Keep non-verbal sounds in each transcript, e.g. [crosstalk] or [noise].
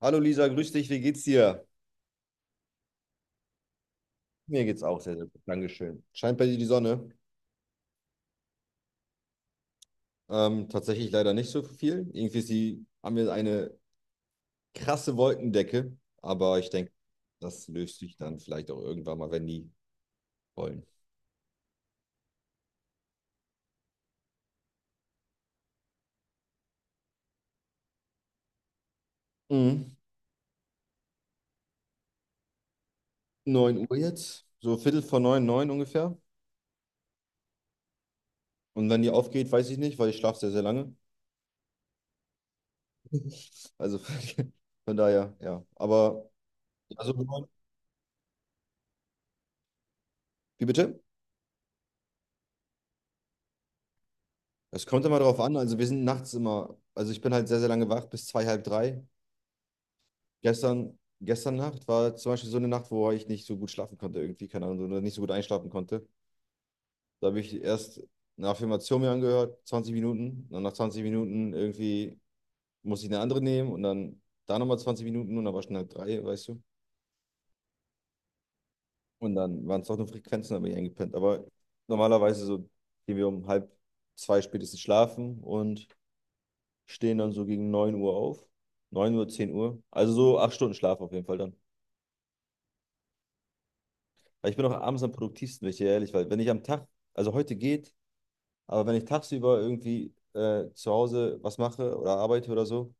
Hallo Lisa, grüß dich, wie geht's dir? Mir geht's auch sehr, sehr gut, Dankeschön. Scheint bei dir die Sonne? Tatsächlich leider nicht so viel. Irgendwie ist die, haben wir eine krasse Wolkendecke, aber ich denke, das löst sich dann vielleicht auch irgendwann mal, wenn die wollen. Mhm. 9 Uhr jetzt, so Viertel vor neun, neun ungefähr. Und wenn die aufgeht, weiß ich nicht, weil ich schlafe sehr, sehr lange. [laughs] Also von daher, ja. Aber, also, wie bitte? Es kommt immer darauf an. Also wir sind nachts immer, also ich bin halt sehr, sehr lange wach, bis zwei, halb drei. Gestern, gestern Nacht war zum Beispiel so eine Nacht, wo ich nicht so gut schlafen konnte, irgendwie, keine Ahnung, oder nicht so gut einschlafen konnte. Da habe ich erst eine Affirmation mir angehört, 20 Minuten. Und dann nach 20 Minuten irgendwie musste ich eine andere nehmen und dann da nochmal 20 Minuten und dann war schon halb drei, weißt du. Und dann waren es doch nur Frequenzen, da bin ich eingepennt. Aber normalerweise so gehen wir um halb zwei spätestens schlafen und stehen dann so gegen 9 Uhr auf. 9 Uhr, 10 Uhr. Also so 8 Stunden Schlaf auf jeden Fall dann. Weil ich bin auch abends am produktivsten, wenn ich dir ehrlich weil wenn ich am Tag, also heute geht, aber wenn ich tagsüber irgendwie zu Hause was mache oder arbeite oder so,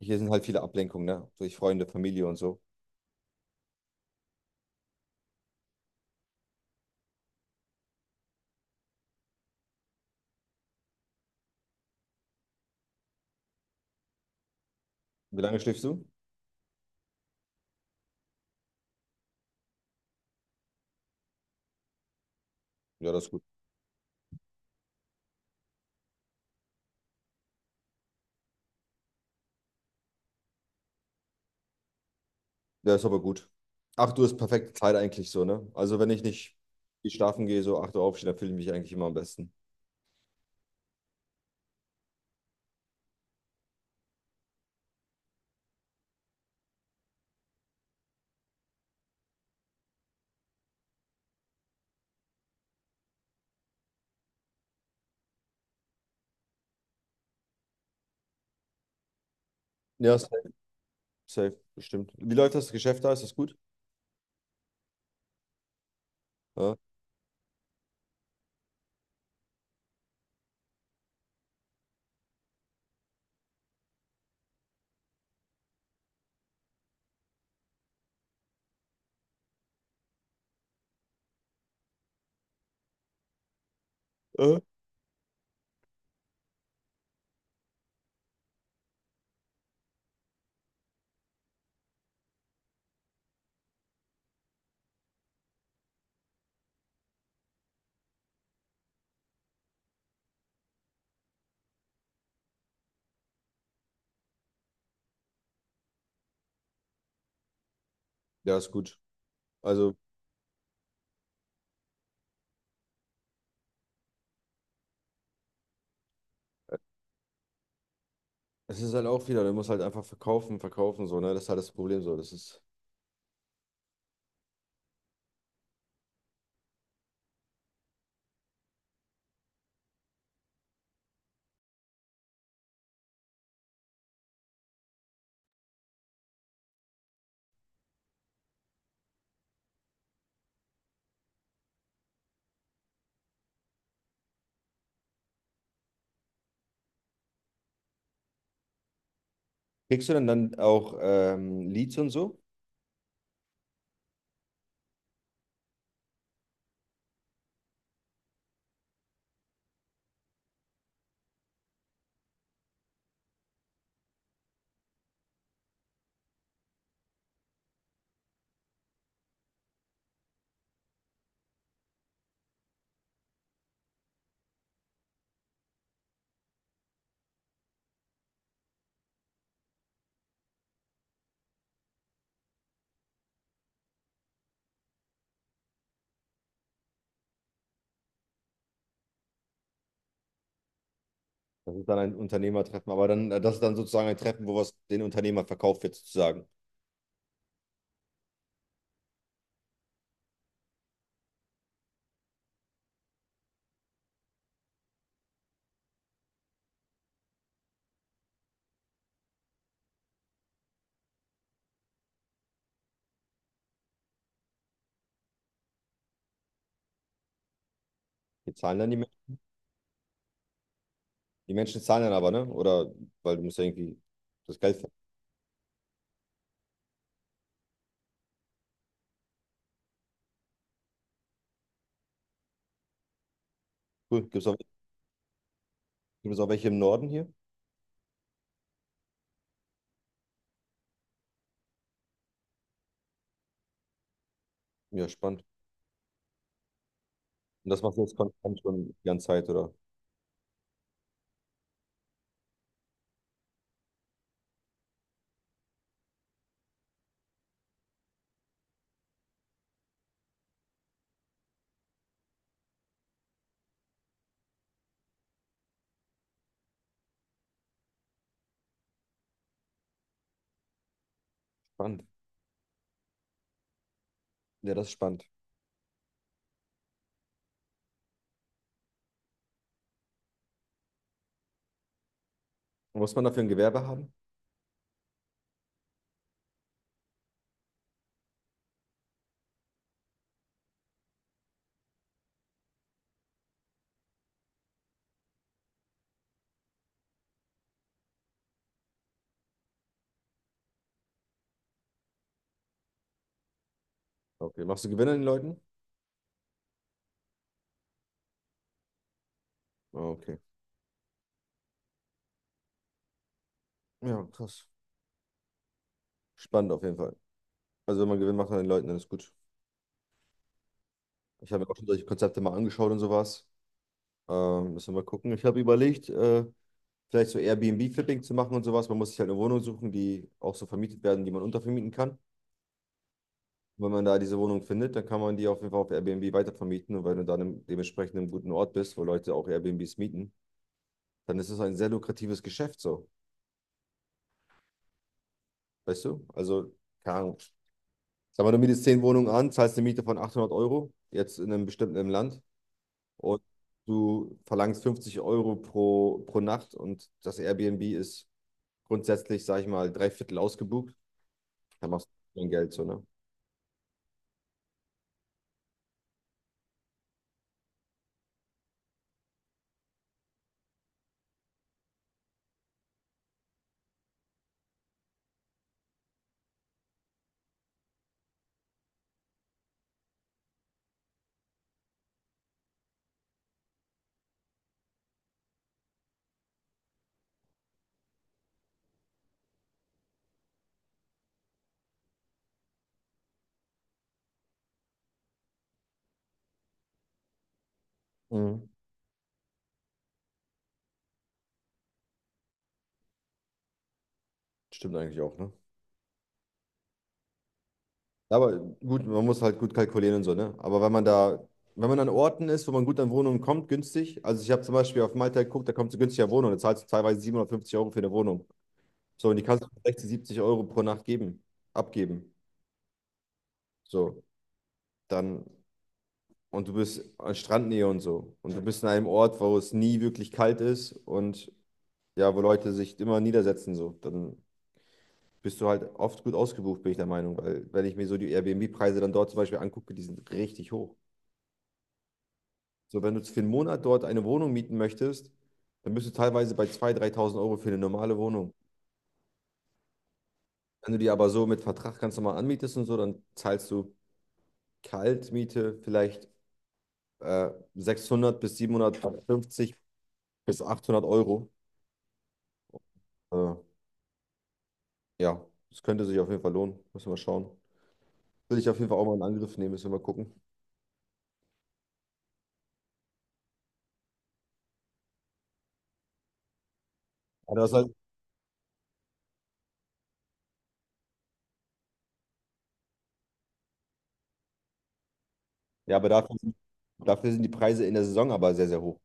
hier sind halt viele Ablenkungen, ne? Durch Freunde, Familie und so. Wie lange schläfst du? Ja, das ist gut. Ja, ist aber gut. 8 Uhr ist perfekte Zeit eigentlich so, ne? Also wenn ich nicht viel schlafen gehe, so 8 Uhr aufstehe, dann fühle ich mich eigentlich immer am besten. Ja, safe, safe, bestimmt. Wie läuft das Geschäft da? Ist das gut? Ja. Äh? Ja, ist gut. Also es ist halt auch wieder, du musst halt einfach verkaufen, verkaufen, so, ne? Das ist halt das Problem so. Das ist. Kriegst du denn dann auch Leads und so? Das ist dann ein Unternehmertreffen, aber dann, das ist dann sozusagen ein Treffen, wo was den Unternehmer verkauft wird, sozusagen. Die zahlen dann die Menschen. Die Menschen zahlen dann aber, ne? Oder weil du musst ja irgendwie das Geld verdienen. Cool. Gibt's auch welche im Norden hier? Ja, spannend. Und das machst du jetzt konstant schon die ganze Zeit, oder? Spannend. Ja, das ist spannend. Muss man dafür ein Gewerbe haben? Okay. Machst du Gewinn an den Leuten? Ah, okay. Ja, krass. Spannend auf jeden Fall. Also wenn man Gewinn macht an den Leuten, dann ist gut. Ich habe mir auch schon solche Konzepte mal angeschaut und sowas. Müssen wir mal gucken. Ich habe überlegt, vielleicht so Airbnb-Flipping zu machen und sowas. Man muss sich halt eine Wohnung suchen, die auch so vermietet werden, die man untervermieten kann. Wenn man da diese Wohnung findet, dann kann man die auf jeden Fall auf Airbnb weitervermieten. Und wenn du dann dementsprechend im guten Ort bist, wo Leute auch Airbnbs mieten, dann ist es ein sehr lukratives Geschäft so. Weißt du? Also, keine Ahnung. Sag mal, du mietest 10 Wohnungen an, zahlst eine Miete von 800 Euro, jetzt in einem bestimmten Land. Und du verlangst 50 Euro pro Nacht und das Airbnb ist grundsätzlich, sag ich mal, drei Viertel ausgebucht. Da machst du dein Geld so, ne? Mhm. Stimmt eigentlich auch, ne? Ja, aber gut, man muss halt gut kalkulieren und so, ne? Aber wenn man an Orten ist, wo man gut an Wohnungen kommt, günstig. Also ich habe zum Beispiel auf Malta geguckt, da kommst du günstiger Wohnung, da zahlst du teilweise 750 € für eine Wohnung. So, und die kannst du für 60, 70 € pro Nacht abgeben. So, dann, und du bist an Strandnähe und so. Und du bist in einem Ort, wo es nie wirklich kalt ist und ja, wo Leute sich immer niedersetzen, so. Dann bist du halt oft gut ausgebucht, bin ich der Meinung, weil wenn ich mir so die Airbnb-Preise dann dort zum Beispiel angucke, die sind richtig hoch. So, wenn du für einen Monat dort eine Wohnung mieten möchtest, dann bist du teilweise bei 2.000, 3.000 Euro für eine normale Wohnung. Wenn du die aber so mit Vertrag ganz normal anmietest und so, dann zahlst du Kaltmiete vielleicht äh, 600 bis 750 bis 800 Euro. Äh, ja, das könnte sich auf jeden Fall lohnen. Müssen wir mal schauen. Will ich auf jeden Fall auch mal in Angriff nehmen, müssen wir mal gucken. Aber das ist halt. Ja, aber dafür sind die Preise in der Saison aber sehr, sehr hoch.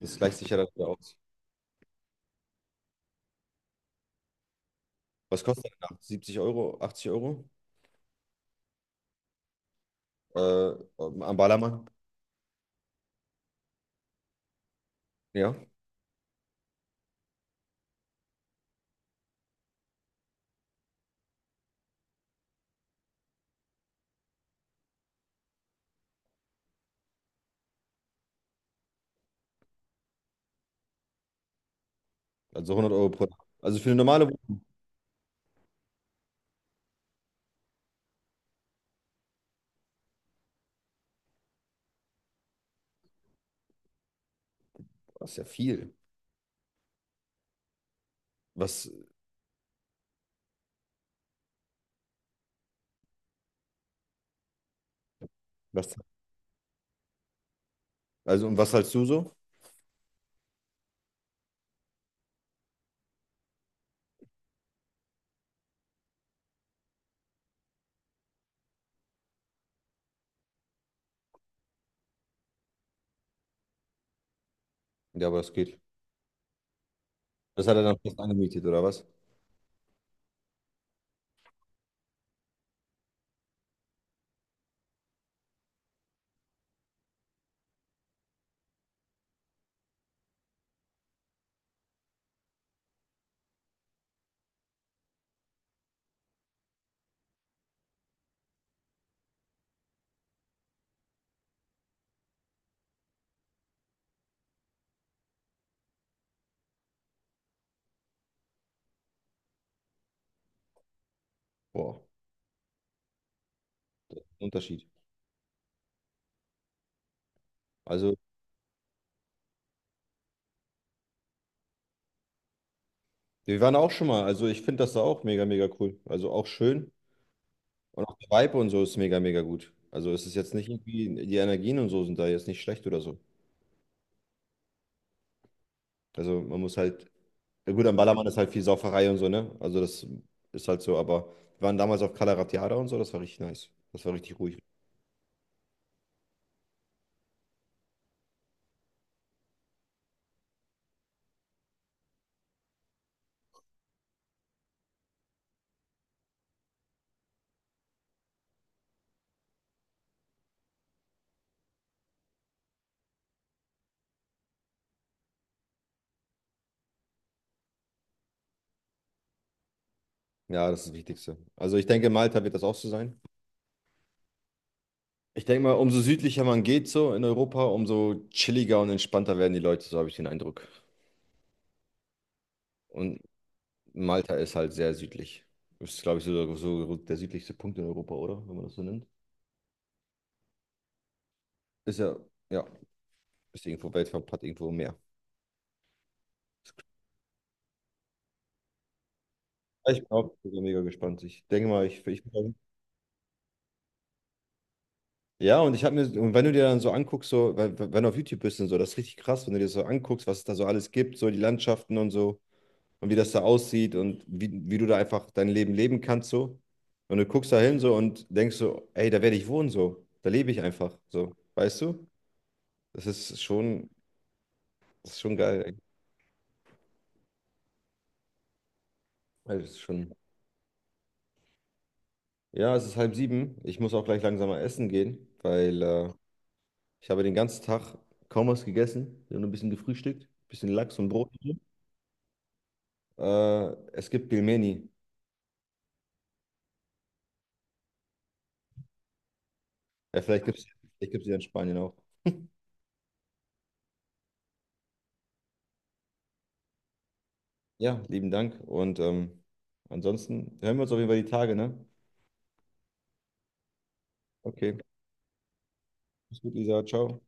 Das gleicht sich ja dann wieder aus. Was kostet denn nach 70 Euro, 80 € äh, am Ballermann? Ja, also 100 € pro Tag. Also für eine normale Wohnung, das ist ja viel. Was, was, also, und was zahlst du so? Ja, aber das geht. Das hat er dann fest angemietet, oder was? Boah, Unterschied. Also, wir waren auch schon mal. Also, ich finde das da auch mega, mega cool. Also, auch schön. Und auch der Vibe und so ist mega, mega gut. Also, es ist jetzt nicht irgendwie, die Energien und so sind da jetzt nicht schlecht oder so. Also man muss halt, ja gut, am Ballermann ist halt viel Sauferei und so, ne? Also das ist halt so, aber wir waren damals auf Cala Ratjada und so, das war richtig nice. Das war richtig ruhig. Ja, das ist das Wichtigste. Also ich denke, Malta wird das auch so sein. Ich denke mal, umso südlicher man geht so in Europa, umso chilliger und entspannter werden die Leute, so habe ich den Eindruck. Und Malta ist halt sehr südlich. Ist, glaube ich, so, so der südlichste Punkt in Europa, oder? Wenn man das so nennt. Ist ja, ja, ist irgendwo weltweit, hat irgendwo mehr. Ich bin auch mega gespannt. Ich denke mal, ich bin. Ja, und wenn du dir dann so anguckst, so, wenn du auf YouTube bist und so, das ist richtig krass, wenn du dir das so anguckst, was es da so alles gibt, so die Landschaften und so, und wie das da aussieht und wie du da einfach dein Leben leben kannst, so. Und du guckst da hin so und denkst so, ey, da werde ich wohnen, so. Da lebe ich einfach, so. Weißt du? Das ist schon, das ist schon geil, ey. Also, ja, es ist halb sieben. Ich muss auch gleich langsam mal essen gehen, weil ich habe den ganzen Tag kaum was gegessen. Ich habe nur ein bisschen gefrühstückt, ein bisschen Lachs und Brot. Es gibt Pilmeni. Ja, vielleicht gibt's die in Spanien auch. Ja, lieben Dank. Und ansonsten hören wir uns auf jeden Fall die Tage, ne? Okay. Mach's gut, Lisa. Ciao.